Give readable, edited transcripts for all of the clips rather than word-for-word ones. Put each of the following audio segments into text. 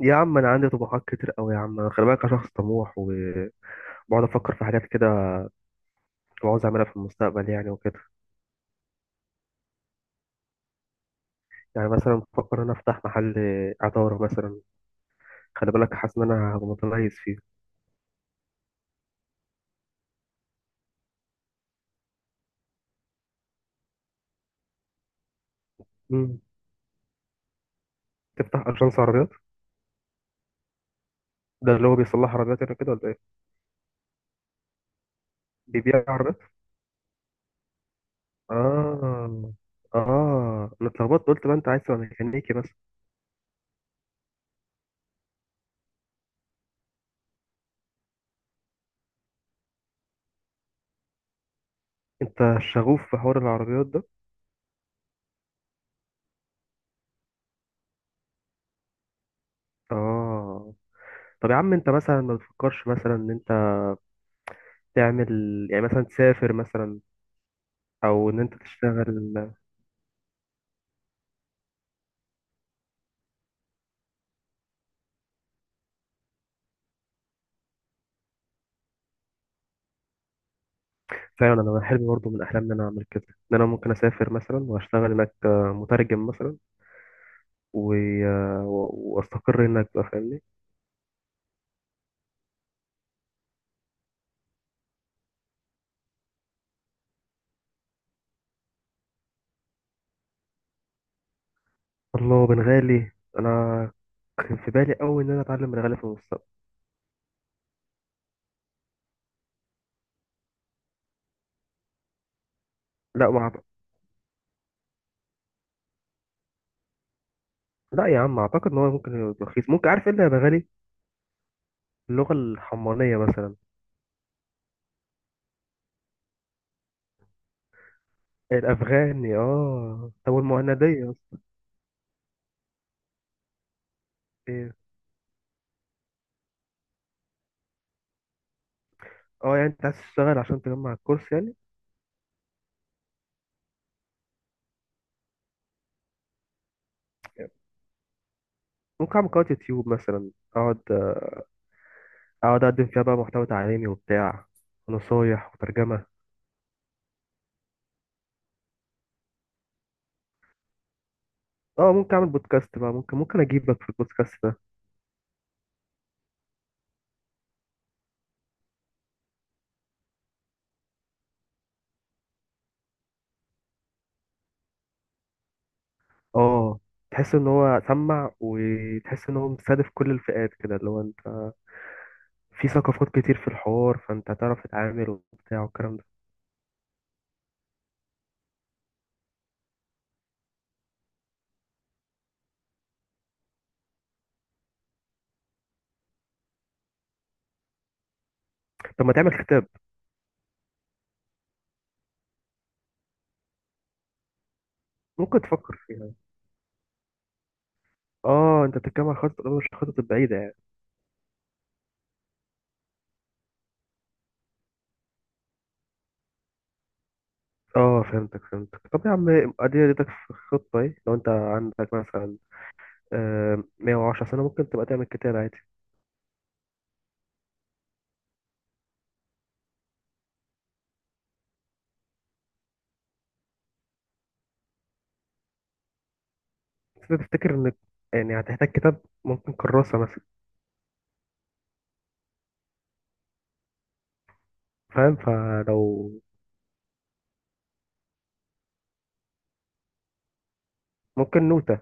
يا عم انا عندي طموحات كتير قوي يا عم، أنا خلي بالك انا شخص طموح وبقعد افكر في حاجات كده وعاوز اعملها في المستقبل يعني وكده. يعني مثلا بفكر ان انا افتح محل عطاره مثلا، خلي بالك حاسس ان انا هبقى متميز فيه. مم. تفتح اجنس عربيات؟ ده اللي هو بيصلح عربيات يعني كده ولا ايه؟ بيبيع عربيات. اه اه انا اتلخبطت قلت بقى انت عايز تبقى ميكانيكي بس. انت شغوف في حوار العربيات ده. اه، طب يا عم انت مثلا ما بتفكرش مثلا ان انت تعمل، يعني مثلا تسافر مثلا، او ان انت تشتغل. فعلا انا حلمي برضه من احلامي ان انا اعمل كده، ان انا ممكن اسافر مثلا واشتغل هناك، مترجم مثلا و... واستقر هناك بقى فاهمني. الله، بنغالي! انا كان في بالي قوي ان انا اتعلم بنغالي في المستقبل. لا ما أعت- لا يا عم اعتقد ان هو ممكن يبقى رخيص، ممكن عارف ايه اللي يا بنغالي اللغه الحمرانيه مثلا. الافغاني اه، طب والمهنديه اصلا؟ ايه؟ اه يعني انت عايز تشتغل عشان تجمع الكورس يعني. ممكن اعمل قناه يوتيوب مثلا، اقعد اقدم فيها بقى محتوى تعليمي وبتاع ونصايح وترجمه. اه ممكن اعمل بودكاست بقى، ممكن اجيبك في البودكاست ده. اه تحس ان هو سمع وتحس ان هو مستهدف كل الفئات كده اللي هو انت في ثقافات كتير في الحوار، فانت هتعرف تتعامل وبتاع والكلام ده. طب ما تعمل كتاب؟ ممكن تفكر فيها. اه انت بتتكلم عن خطط مش الخطط البعيده يعني. اه فهمتك فهمتك، طب يا عم ادي اديتك في الخطه ايه، لو انت عندك مثلا آه 110 سنه ممكن تبقى تعمل كتاب عادي. بس أنا بفتكر إن يعني هتحتاج كتاب، ممكن كراسة مثلا. فاهم فلو ممكن نوتة؟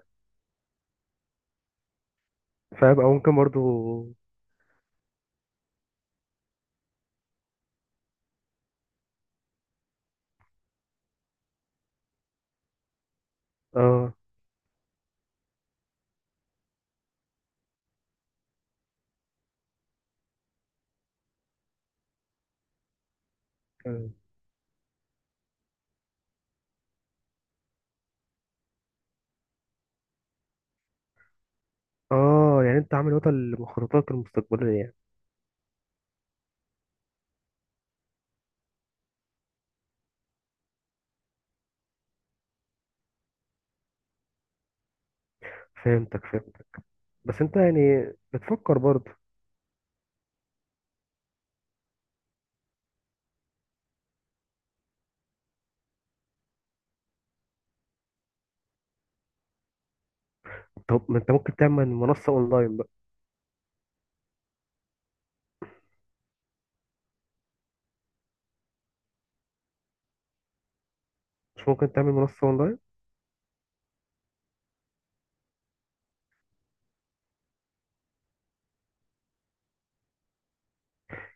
فاهم، أو ممكن برضو آه. آه يعني أنت عامل نوتة لمخططاتك المستقبلية يعني. فهمتك فهمتك، بس أنت يعني بتفكر برضو. طب ما أنت ممكن تعمل منصة أونلاين بقى؟ مش ممكن تعمل منصة أونلاين؟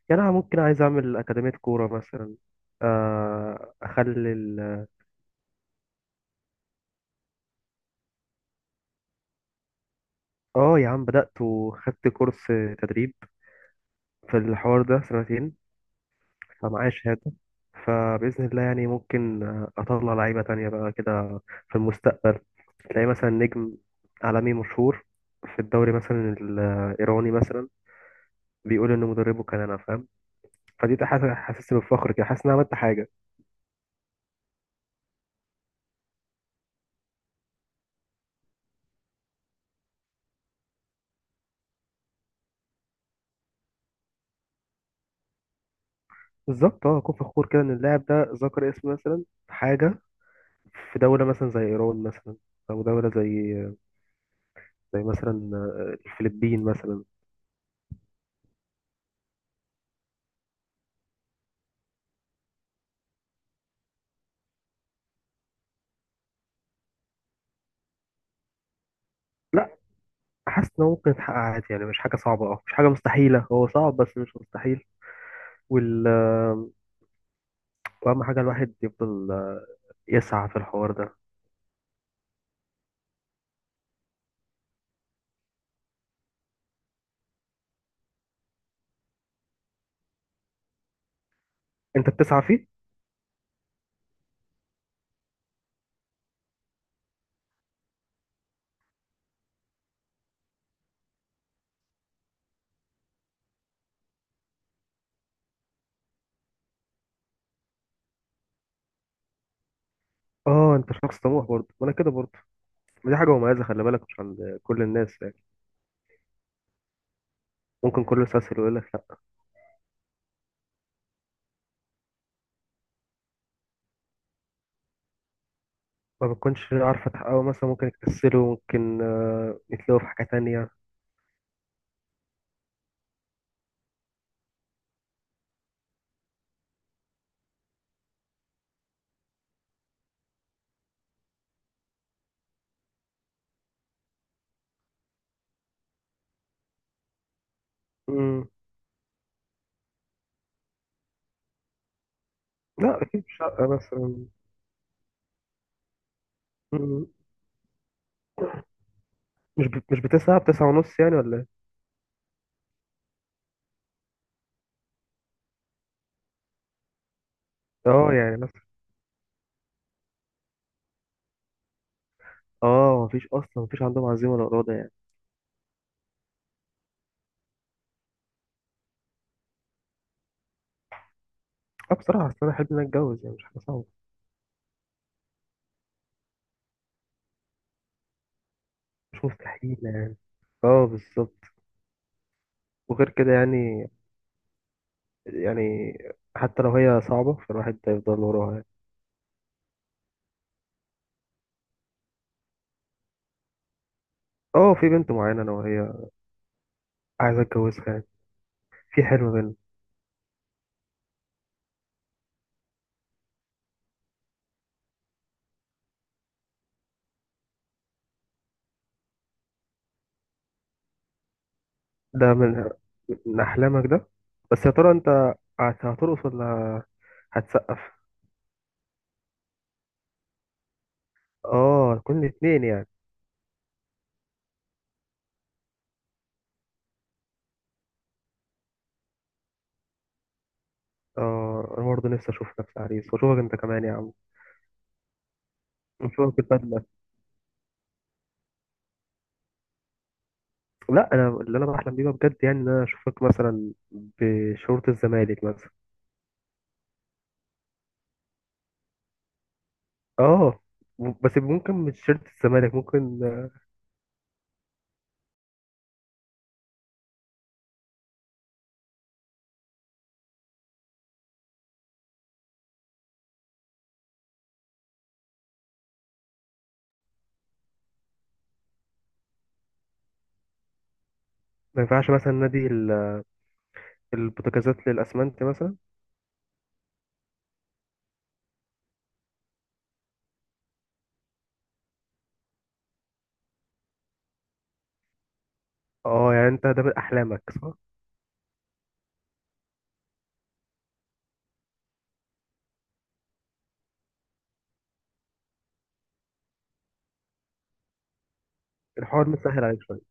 يعني أنا ممكن عايز أعمل أكاديمية كورة مثلا، آه آه يا عم بدأت وخدت كورس تدريب في الحوار ده سنتين، فمعايا شهادة. فبإذن الله يعني ممكن، أطلع لعيبة تانية بقى كده في المستقبل، تلاقي مثلا نجم عالمي مشهور في الدوري مثلا الإيراني مثلا بيقول إن مدربه كان أنا، فاهم؟ فدي حاجة حاسسني بالفخر كده، حاسس إن أنا عملت حاجة. بالظبط أه، أكون فخور كده إن اللاعب ده ذكر اسمي مثلا في حاجة، في دولة مثلا زي إيران مثلا، أو دولة زي مثلا، الفلبين مثلا. لا، حاسس إن هو ممكن يتحقق عادي، يعني مش حاجة صعبة، أه مش حاجة مستحيلة، هو صعب بس مش مستحيل. وال... واهم حاجه الواحد يفضل، يسعى في الحوار ده. انت بتسعى فيه. اه انت شخص طموح برضه، وانا كده برضه. دي حاجه مميزه، خلي بالك مش عند كل الناس يعني، ممكن كله يستسهل ويقول لك لا، ما بتكونش عارفه تحققه مثلا، ممكن يكسلوا، ممكن يتلاقوا في حاجه تانية. امم. لا اكيد شقه مثلا. مم. مش بتسعى، بتسعة ونص يعني ولا ايه؟ اه يعني مثلا. اه، مفيش اصلا، مفيش عندهم عزيمه ولا اراده يعني. اه بصراحه، اصل انا احب ان أنا اتجوز يعني، مش حاجه صعبه. مش مستحيل يعني. اه بالظبط. وغير كده يعني، يعني حتى لو هي صعبة فالواحد هيفضل وراها يعني. اه في بنت معينة انا وهي عايز اتجوزها يعني، في حلم بينا. ده من من احلامك ده، بس يا ترى انت هترقص ولا هتسقف؟ اه كل الاتنين يعني. اه انا برضه نفسي اشوف نفسي عريس واشوفك انت كمان يا عم، اشوفك بالبدلة. لا انا اللي انا بحلم بيه بقى بجد يعني، ان انا اشوفك مثلا بشورت الزمالك مثلا. اه، بس ممكن مش شرط الزمالك، ممكن ما ينفعش مثلا نادي البوتاجازات للأسمنت مثلا. اه يعني انت ده من أحلامك صح؟ الحوار متسهل عليك شوية.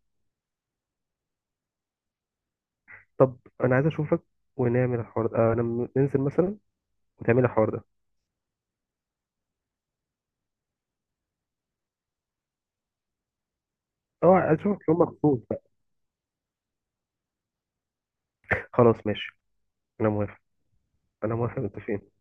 طب أنا عايز أشوفك ونعمل الحوار ده آه لما ننزل مثلا، وتعمل الحوار ده. اه عايز أشوفك يوم مخصوص بقى. خلاص ماشي. أنا موافق، أنا موافق، متفقين.